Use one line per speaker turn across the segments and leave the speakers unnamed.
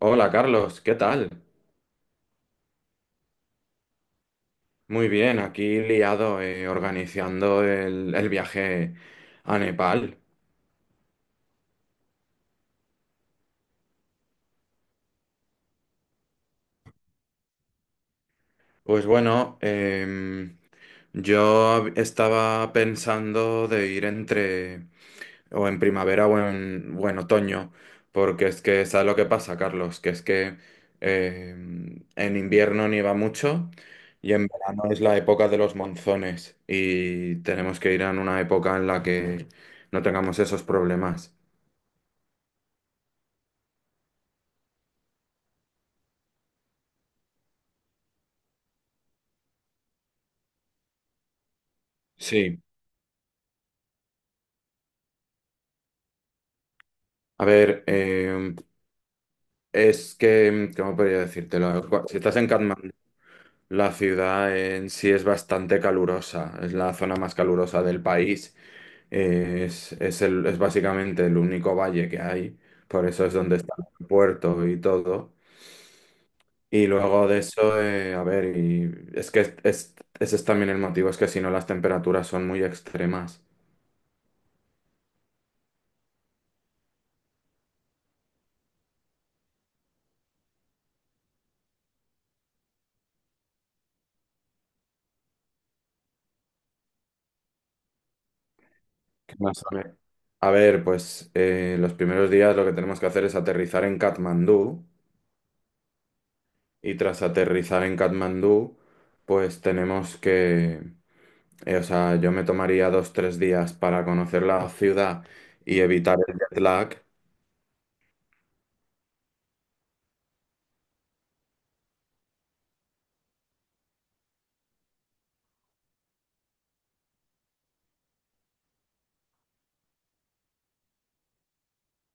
Hola Carlos, ¿qué tal? Muy bien, aquí liado organizando el viaje a Nepal. Pues bueno, yo estaba pensando de ir entre o en primavera o en otoño, porque es que, ¿sabes lo que pasa, Carlos? Que es que en invierno nieva mucho y en verano es la época de los monzones y tenemos que ir en una época en la que no tengamos esos problemas. Sí, a ver, es que, ¿cómo podría decírtelo? Si estás en Katmandú, la ciudad en sí es bastante calurosa, es la zona más calurosa del país, es básicamente el único valle que hay, por eso es donde está el puerto y todo. Y luego de eso, a ver, y es que ese es también el motivo, es que si no las temperaturas son muy extremas. ¿Qué más? A ver, pues los primeros días lo que tenemos que hacer es aterrizar en Katmandú. Y tras aterrizar en Katmandú, pues tenemos que, o sea, yo me tomaría dos, tres días para conocer la ciudad y evitar el jet lag.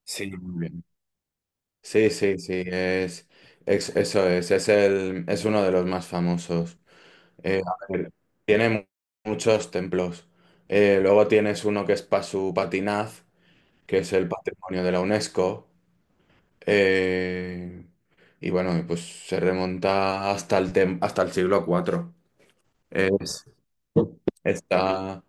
Sí, muy bien. Sí, sí, sí, es- eso es el, es uno de los más famosos. A ver, tiene muchos templos. Luego tienes uno que es Pasupatinaz, que es el patrimonio de la UNESCO. Eh, y bueno, pues se remonta hasta hasta el siglo IV. Es- está,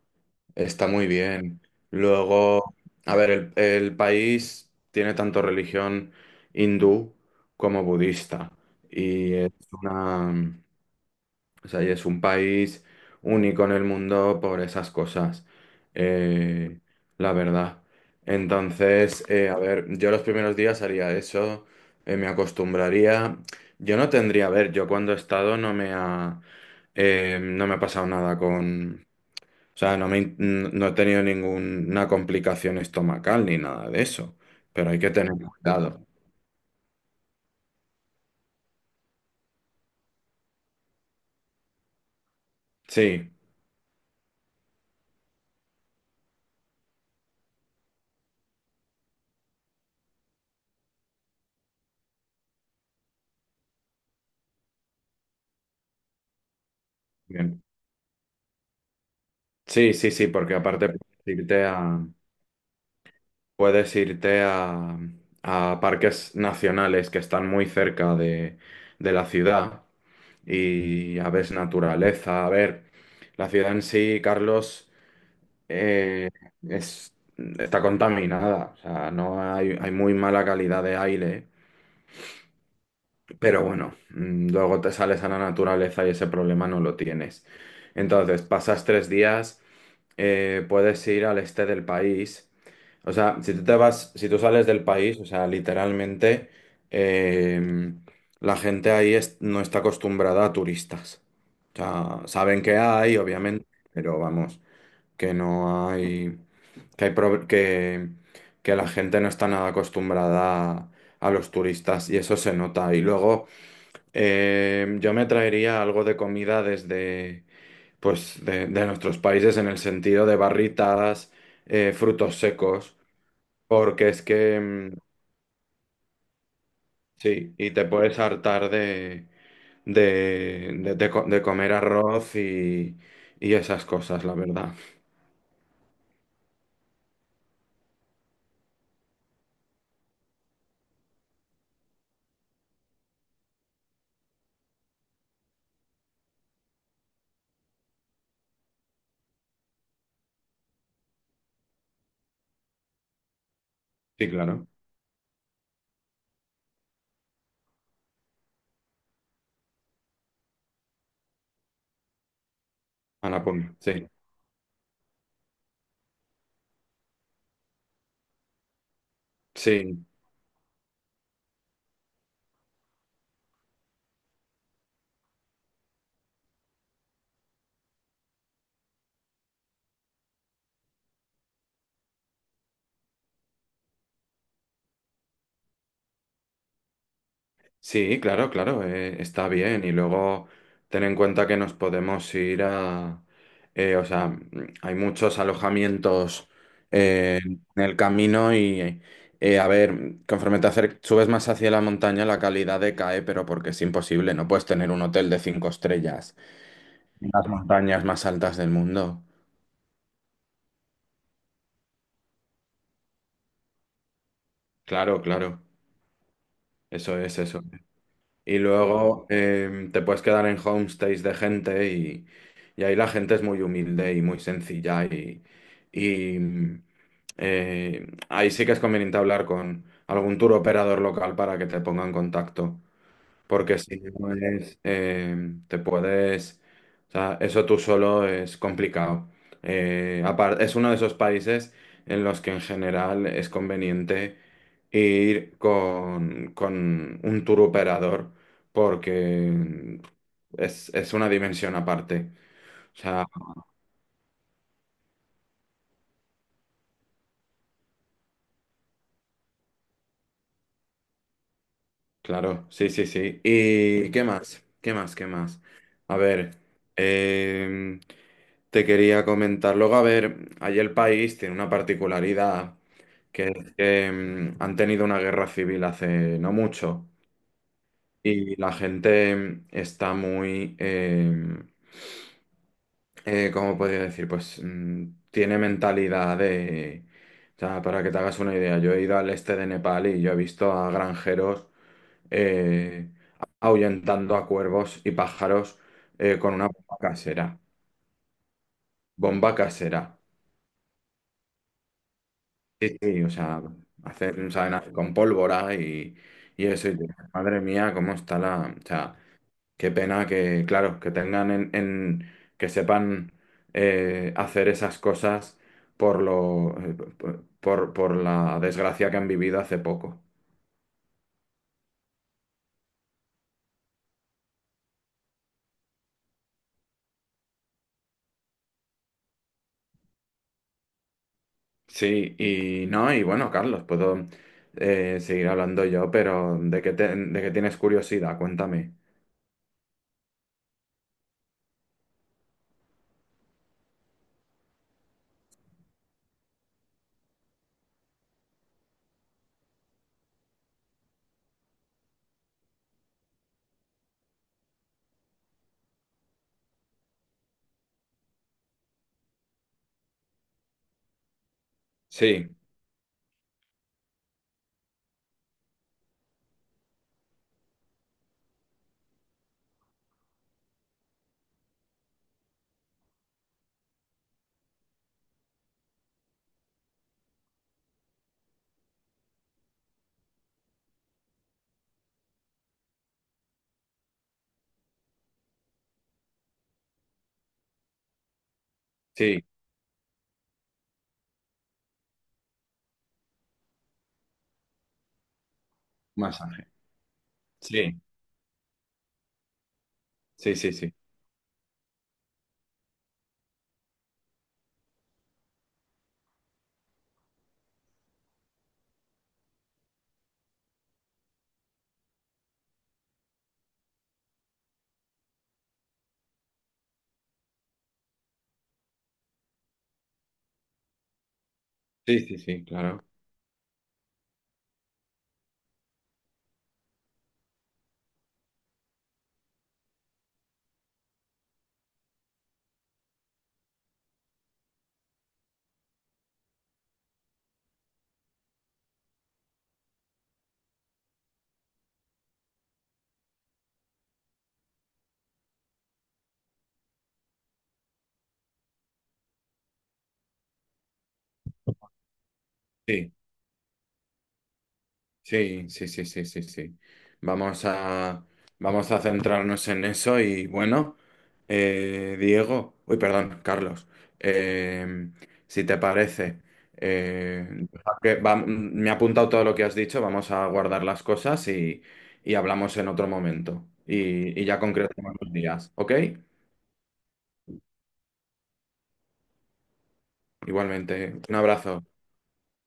está muy bien. Luego, a ver, el país tiene tanto religión hindú como budista. Y es una... O sea, y es un país único en el mundo por esas cosas, eh, la verdad. Entonces, a ver, yo los primeros días haría eso, me acostumbraría. Yo no tendría, a ver, yo cuando he estado no me ha pasado nada con, o sea, no he tenido ninguna complicación estomacal ni nada de eso, pero hay que tener cuidado. Sí, bien. Sí, sí, sí, porque aparte puedes irte a. Puedes irte a parques nacionales que están muy cerca de la ciudad y a ver naturaleza. A ver, la ciudad en sí, Carlos, eh, es, está contaminada. O sea, no hay, hay muy mala calidad de aire. Pero bueno, luego te sales a la naturaleza y ese problema no lo tienes. Entonces, pasas tres días, puedes ir al este del país. O sea, si tú te vas, si tú sales del país, o sea, literalmente eh, la gente ahí no está acostumbrada a turistas. O sea, saben que hay, obviamente, pero vamos, que no hay, que hay que la gente no está nada acostumbrada a los turistas y eso se nota. Y luego yo me traería algo de comida desde pues de nuestros países en el sentido de barritadas, frutos secos, porque es que sí, y te puedes hartar de comer arroz y esas cosas, la verdad. Sí, claro, a la pulga, sí, sí. Sí, claro, claro, está bien. Y luego ten en cuenta que nos podemos ir o sea, hay muchos alojamientos en el camino y, a ver, conforme subes más hacia la montaña, la calidad decae, pero porque es imposible, no puedes tener un hotel de cinco estrellas en las montañas más altas del mundo. Claro, claro, eso es eso. Y luego te puedes quedar en homestays de gente y ahí la gente es muy humilde y muy sencilla y ahí sí que es conveniente hablar con algún tour operador local para que te ponga en contacto. Porque si no es, te puedes, o sea, eso tú solo es complicado. Es uno de esos países en los que en general es conveniente ir con un tour operador porque es una dimensión aparte. O sea, claro, sí, sí, sí. ¿Y qué más? ¿Qué más? ¿Qué más? A ver, em, te quería comentar. Luego, a ver, allí el país tiene una particularidad, que es que han tenido una guerra civil hace no mucho y la gente está muy, ¿cómo podría decir? Pues tiene mentalidad de. O sea, para que te hagas una idea, yo he ido al este de Nepal y yo he visto a granjeros eh, ahuyentando a cuervos y pájaros con una bomba casera. Bomba casera. Sí, sí, o sea, saben, hacer con pólvora y eso. Y dices, madre mía, cómo está la. O sea, qué pena que, claro, que tengan en- que sepan hacer esas cosas por lo, eh, por la desgracia que han vivido hace poco. Sí, y no, y bueno, Carlos, puedo seguir hablando yo, pero de qué tienes curiosidad? Cuéntame. Sí, sí, masaje. Sí, sí, sí, sí. Sí, sí, sí, claro. Sí. Sí, sí, sí, sí, sí, sí. Vamos a, vamos a centrarnos en eso y bueno, Diego, uy, perdón, Carlos, eh, si te parece, deja que me he apuntado todo lo que has dicho, vamos a guardar las cosas y hablamos en otro momento y ya concretamos los días, ¿ok? Igualmente, un abrazo.